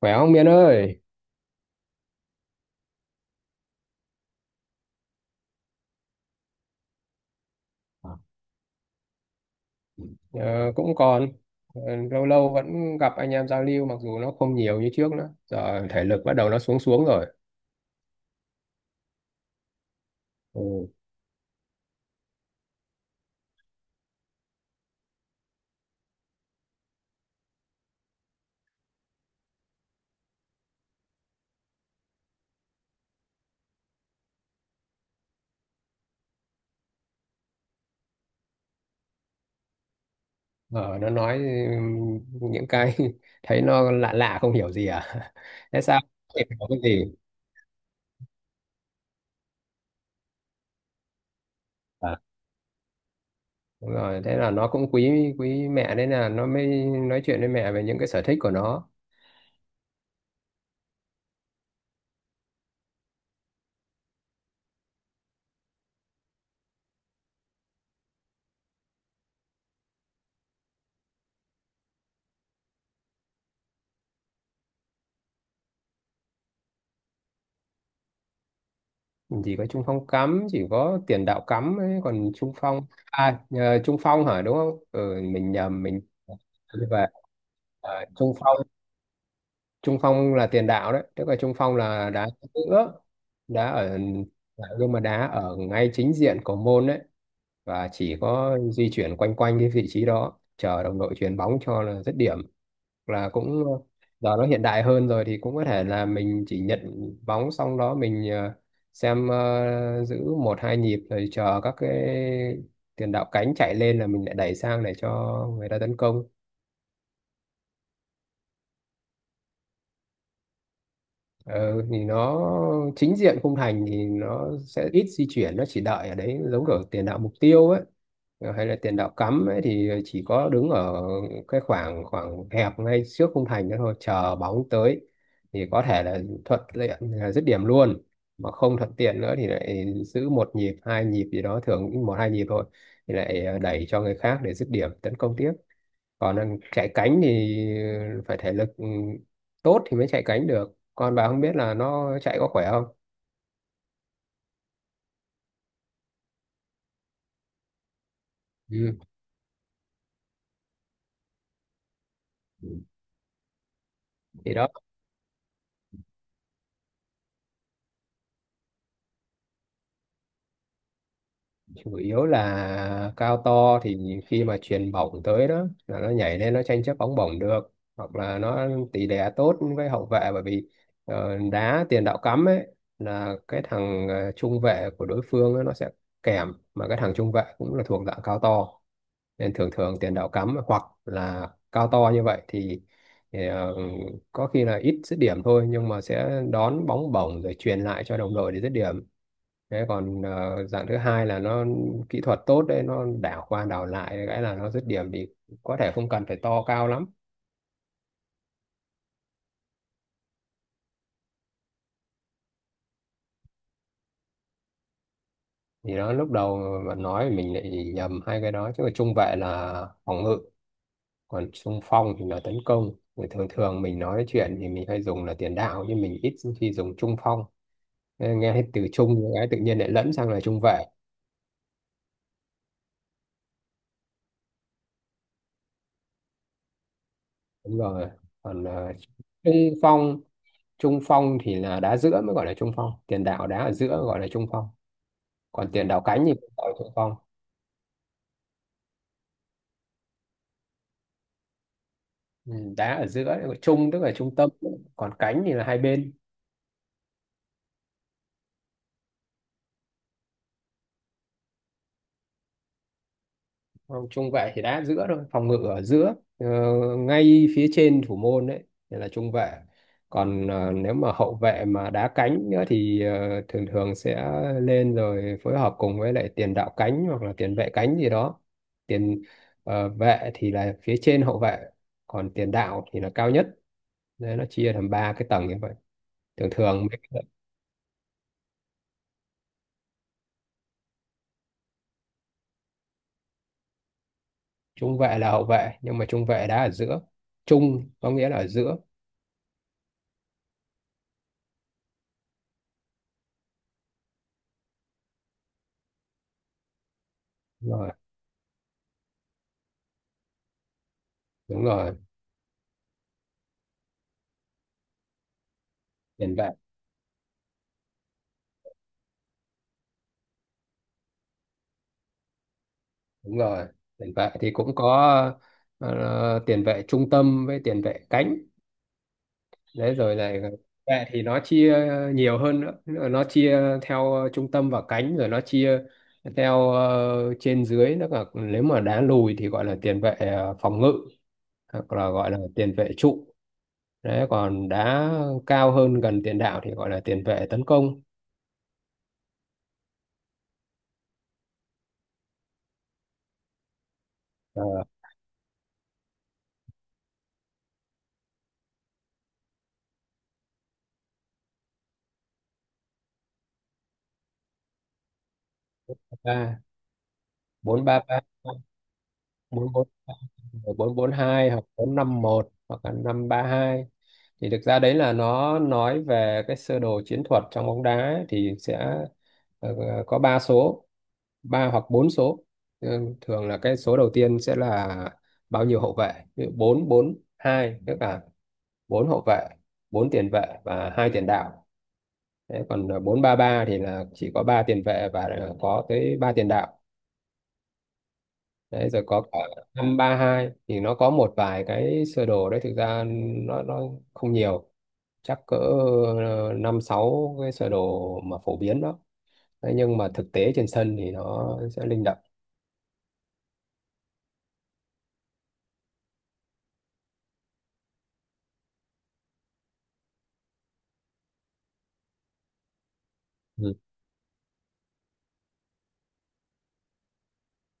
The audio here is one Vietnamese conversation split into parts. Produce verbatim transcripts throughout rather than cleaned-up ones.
Khỏe không Miên ơi? À, ờ, cũng còn. Ờ, lâu lâu vẫn gặp anh em giao lưu mặc dù nó không nhiều như trước nữa. Giờ thể lực bắt đầu nó xuống xuống rồi. Ừ. Ờ, nó nói ừm, những cái thấy nó lạ lạ không hiểu gì à? Thế sao? Không hiểu cái gì? À, đúng rồi, thế là nó cũng quý quý mẹ nên là nó mới nói chuyện với mẹ về những cái sở thích của nó. Chỉ có trung phong cắm, chỉ có tiền đạo cắm ấy, còn trung phong à, nhờ, trung phong hả, đúng không? Ừ, mình nhầm. Mình đi về. Ờ, trung phong, trung phong là tiền đạo đấy, tức là trung phong là đá giữa, đá ở, nhưng mà đá ở ngay chính diện của môn đấy, và chỉ có di chuyển quanh quanh cái vị trí đó chờ đồng đội chuyền bóng cho là dứt điểm, là cũng ờ, giờ nó hiện đại hơn rồi thì cũng có thể là mình chỉ nhận bóng xong đó mình ờ, xem, ờ, giữ một hai nhịp rồi chờ các cái tiền đạo cánh chạy lên là mình lại đẩy sang để cho người ta tấn công. Ờ, thì nó chính diện khung thành thì nó sẽ ít di chuyển, nó chỉ đợi ở đấy giống kiểu tiền đạo mục tiêu ấy. Ờ, hay là tiền đạo cắm ấy, thì chỉ có đứng ở cái khoảng khoảng hẹp ngay trước khung thành đó thôi, chờ bóng tới thì có thể là thuận tiện là dứt điểm luôn, mà không thuận tiện nữa thì lại giữ một nhịp hai nhịp gì đó, thường cũng một hai nhịp thôi, thì lại ờ, đẩy cho người khác để dứt điểm tấn công tiếp. Còn chạy cánh thì phải thể lực ừ, tốt thì mới chạy cánh được, còn bà không biết là nó chạy có khỏe không. Ừ. Thì đó, chủ yếu là cao to thì khi mà chuyền bổng tới đó là nó nhảy lên nó tranh chấp bóng bổng được, hoặc là nó tỷ lệ tốt với hậu vệ, bởi vì ờ, đá tiền đạo cắm ấy là cái thằng ờ, trung vệ của đối phương ấy, nó sẽ kèm, mà cái thằng trung vệ cũng là thuộc dạng cao to, nên thường thường tiền đạo cắm hoặc là cao to như vậy thì, thì ờ, có khi là ít dứt điểm thôi, nhưng mà sẽ đón bóng bổng rồi truyền lại cho đồng đội để dứt điểm. Thế còn ờ, dạng thứ hai là nó kỹ thuật tốt đấy, nó đảo qua đảo lại cái là nó dứt điểm thì có thể không cần phải to cao lắm. Thì nó lúc đầu bạn nói mình lại nhầm hai cái đó chứ, mà trung vệ là phòng ngự, còn trung phong thì là tấn công, thì thường thường mình nói chuyện thì mình hay dùng là tiền đạo, nhưng mình ít khi dùng trung phong, nên nghe hết từ trung cái tự nhiên lại lẫn sang là trung vệ. Đúng rồi. Còn ờ, trung phong trung phong thì là đá giữa mới gọi là trung phong, tiền đạo đá ở giữa gọi là trung phong, còn tiền đạo cánh thì ở thượng phong. Ừ, đá ở giữa gọi là trung, tức là trung tâm, còn cánh thì là hai bên. Không, trung vệ thì đá ở giữa thôi, phòng ngự ở giữa, ờ, ngay phía trên thủ môn đấy, thì là trung vệ. Còn ờ, nếu mà hậu vệ mà đá cánh nữa thì ờ, thường thường sẽ lên rồi phối hợp cùng với lại tiền đạo cánh hoặc là tiền vệ cánh gì đó. Tiền ờ, vệ thì là phía trên hậu vệ, còn tiền đạo thì là cao nhất. Đấy, nó chia thành ba cái tầng như vậy, thường thường. Trung vệ là hậu vệ, nhưng mà trung vệ đá ở giữa, trung có nghĩa là ở giữa. Đúng rồi. Đúng rồi, tiền vệ. Đúng rồi, tiền vệ thì cũng có ờ, tiền vệ trung tâm với tiền vệ cánh. Đấy rồi này, vệ thì nó chia nhiều hơn nữa, nó chia theo trung tâm và cánh, rồi nó chia theo ờ, trên dưới, nó là nếu mà đá lùi thì gọi là tiền vệ ờ, phòng ngự, hoặc là gọi là tiền vệ trụ. Đấy, còn đá cao hơn gần tiền đạo thì gọi là tiền vệ tấn công. Ờ, Ba. Bốn ba ba bốn bốn Bốn bốn hai hoặc bốn năm một hoặc là năm ba hai, thì thực ra đấy là nó nói về cái sơ đồ chiến thuật trong bóng đá ấy, thì sẽ ờ, có ba số, ba hoặc bốn số. Ừ, thường là cái số đầu tiên sẽ là bao nhiêu hậu vệ, ví dụ bốn bốn hai tức là bốn hậu vệ, bốn tiền vệ và hai tiền đạo. Thế còn ờ, bốn ba ba thì là chỉ có ba tiền vệ và ờ, có tới ba tiền đạo. Đấy, rồi có cả năm ba hai, thì nó có một vài cái sơ đồ đấy, thực ra nó nó không nhiều, chắc cỡ ờ, năm sáu cái sơ đồ mà phổ biến đó. Thế nhưng mà thực tế trên sân thì nó sẽ linh động. Ừ.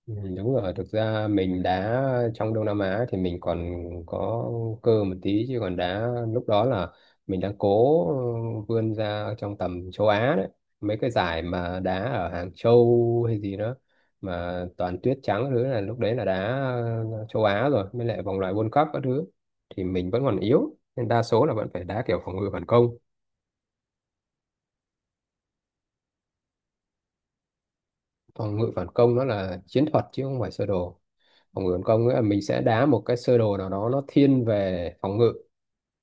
Ừ, đúng rồi, thực ra mình đá trong Đông Nam Á thì mình còn có cơ một tí, chứ còn đá lúc đó là mình đang cố ừ, vươn ra trong tầm châu Á đấy, mấy cái giải mà đá ở Hàng Châu hay gì đó mà toàn tuyết trắng các thứ, là lúc đấy là đá ờ, châu Á, rồi mới lại vòng loại World Cup các thứ, thì mình vẫn còn yếu nên đa số là vẫn phải đá kiểu phòng ngự phản công. Phòng ngự phản công nó là chiến thuật chứ không phải sơ đồ. Phòng ngự phản công nghĩa là mình sẽ đá một cái sơ đồ nào đó nó thiên về phòng ngự,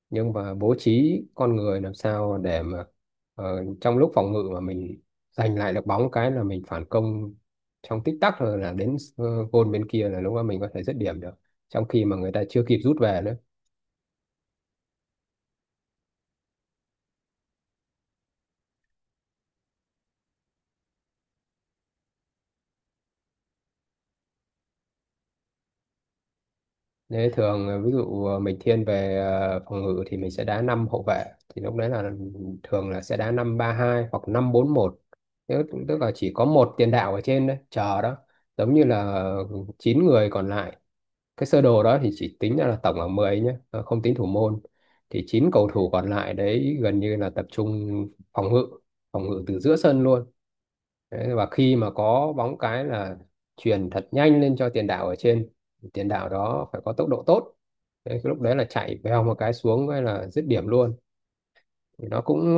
nhưng mà bố trí con người làm sao để mà ờ, trong lúc phòng ngự mà mình giành lại được bóng cái là mình phản công trong tích tắc, rồi là đến uh, gôn bên kia là lúc đó mình có thể dứt điểm được trong khi mà người ta chưa kịp rút về nữa. Thế thường ờ, ví dụ ờ, mình thiên về ờ, phòng ngự thì mình sẽ đá năm hậu vệ, thì lúc đấy là thường là sẽ đá năm ba hai hoặc năm bốn một, tức tức là chỉ có một tiền đạo ở trên đấy chờ đó, giống như là chín người còn lại. Cái sơ đồ đó thì chỉ tính ra là tổng là mười nhé, ờ, không tính thủ môn, thì chín cầu thủ còn lại đấy gần như là tập trung phòng ngự, phòng ngự từ giữa sân luôn. Đấy, và khi mà có bóng cái là chuyền thật nhanh lên cho tiền đạo ở trên, tiền đạo đó phải có tốc độ tốt. Đấy, cái lúc đấy là chạy vèo một cái xuống hay là dứt điểm luôn, thì nó cũng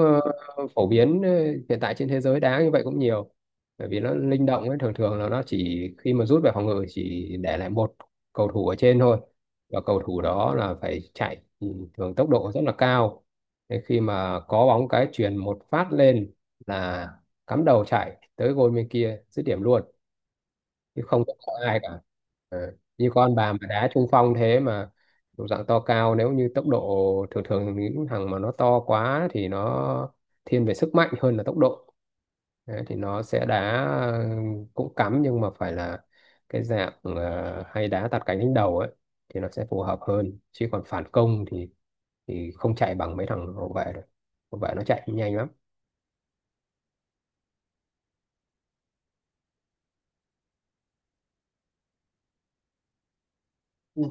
ờ, phổ biến, ờ, hiện tại trên thế giới đá như vậy cũng nhiều, bởi vì nó linh động ấy, thường thường là nó chỉ khi mà rút về phòng ngự chỉ để lại một cầu thủ ở trên thôi, và cầu thủ đó là phải chạy ừ, thường tốc độ rất là cao. Thế khi mà có bóng cái chuyền một phát lên là cắm đầu chạy tới gôn bên kia dứt điểm luôn, chứ không có sợ ai cả. Ờ, như con bà mà đá trung phong thế mà độ dạng to cao, nếu như tốc độ, thường thường những thằng mà nó to quá thì nó thiên về sức mạnh hơn là tốc độ. Đấy, thì nó sẽ đá ờ, cũng cắm nhưng mà phải là cái dạng ờ, hay đá tạt cánh đánh đầu ấy, thì nó sẽ phù hợp hơn, chứ còn phản công thì thì không chạy bằng mấy thằng hậu vệ được, hậu vệ nó chạy nhanh lắm.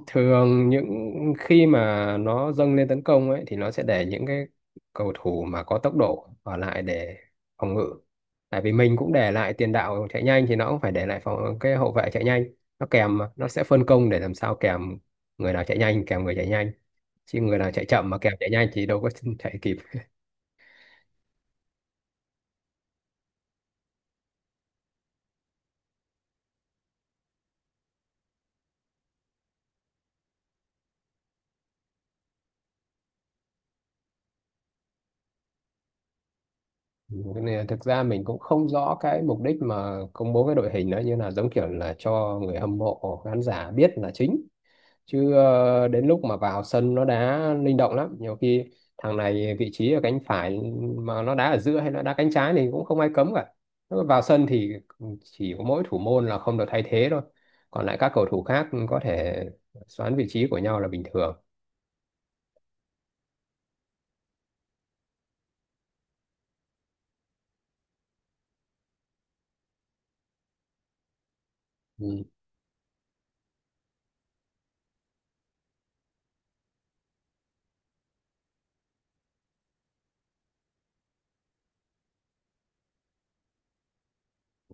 Thường những khi mà nó dâng lên tấn công ấy thì nó sẽ để những cái cầu thủ mà có tốc độ ở lại để phòng ngự, tại vì mình cũng để lại tiền đạo chạy nhanh thì nó cũng phải để lại phòng cái hậu vệ chạy nhanh, nó kèm mà, nó sẽ phân công để làm sao kèm, người nào chạy nhanh kèm người chạy nhanh, chứ người nào chạy chậm mà kèm chạy nhanh thì đâu có chạy kịp. Thế nên thực ra mình cũng không rõ cái mục đích mà công bố cái đội hình đó, như là giống kiểu là cho người hâm mộ khán giả biết là chính, chứ ờ, đến lúc mà vào sân nó đá linh động lắm, nhiều khi thằng này vị trí ở cánh phải mà nó đá ở giữa hay nó đá cánh trái thì cũng không ai cấm cả. Nó vào sân thì chỉ có mỗi thủ môn là không được thay thế thôi, còn lại các cầu thủ khác có thể xoán vị trí của nhau là bình thường. Ừ.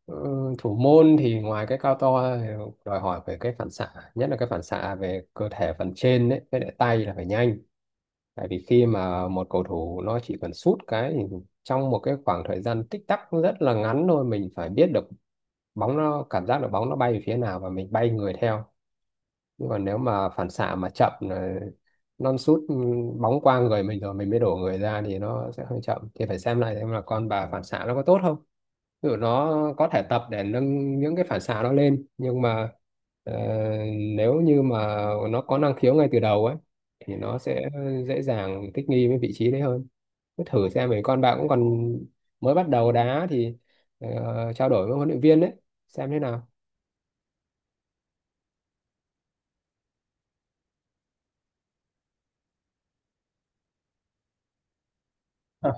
Ừ, thủ môn thì ngoài cái cao to thì đòi hỏi về cái phản xạ, nhất là cái phản xạ về cơ thể phần trên đấy với lại tay là phải nhanh. Tại vì khi mà một cầu thủ nó chỉ cần sút cái thì trong một cái khoảng thời gian tích tắc rất là ngắn thôi, mình phải biết được bóng, nó cảm giác được bóng nó bay về phía nào và mình bay người theo. Nhưng còn nếu mà phản xạ mà chậm là non sút, ừ, bóng qua người mình rồi mình mới đổ người ra thì nó sẽ hơi chậm. Thì phải xem lại xem là con bà phản xạ nó có tốt không. Ví dụ nó có thể tập để nâng những cái phản xạ nó lên, nhưng mà ờ, nếu như mà nó có năng khiếu ngay từ đầu ấy thì nó sẽ dễ dàng thích nghi với vị trí đấy hơn. Cứ thử xem, mấy con bạn cũng còn mới bắt đầu đá thì ờ, trao đổi với huấn luyện viên đấy xem thế nào. Ờ.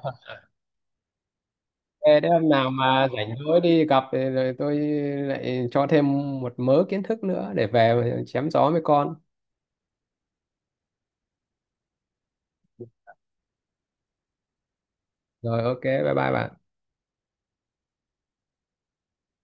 Thế đấy, hôm nào mà rảnh rỗi đi gặp thì rồi tôi lại cho thêm một mớ kiến thức nữa để về chém gió với con. Rồi, ô kê, bye bye bạn.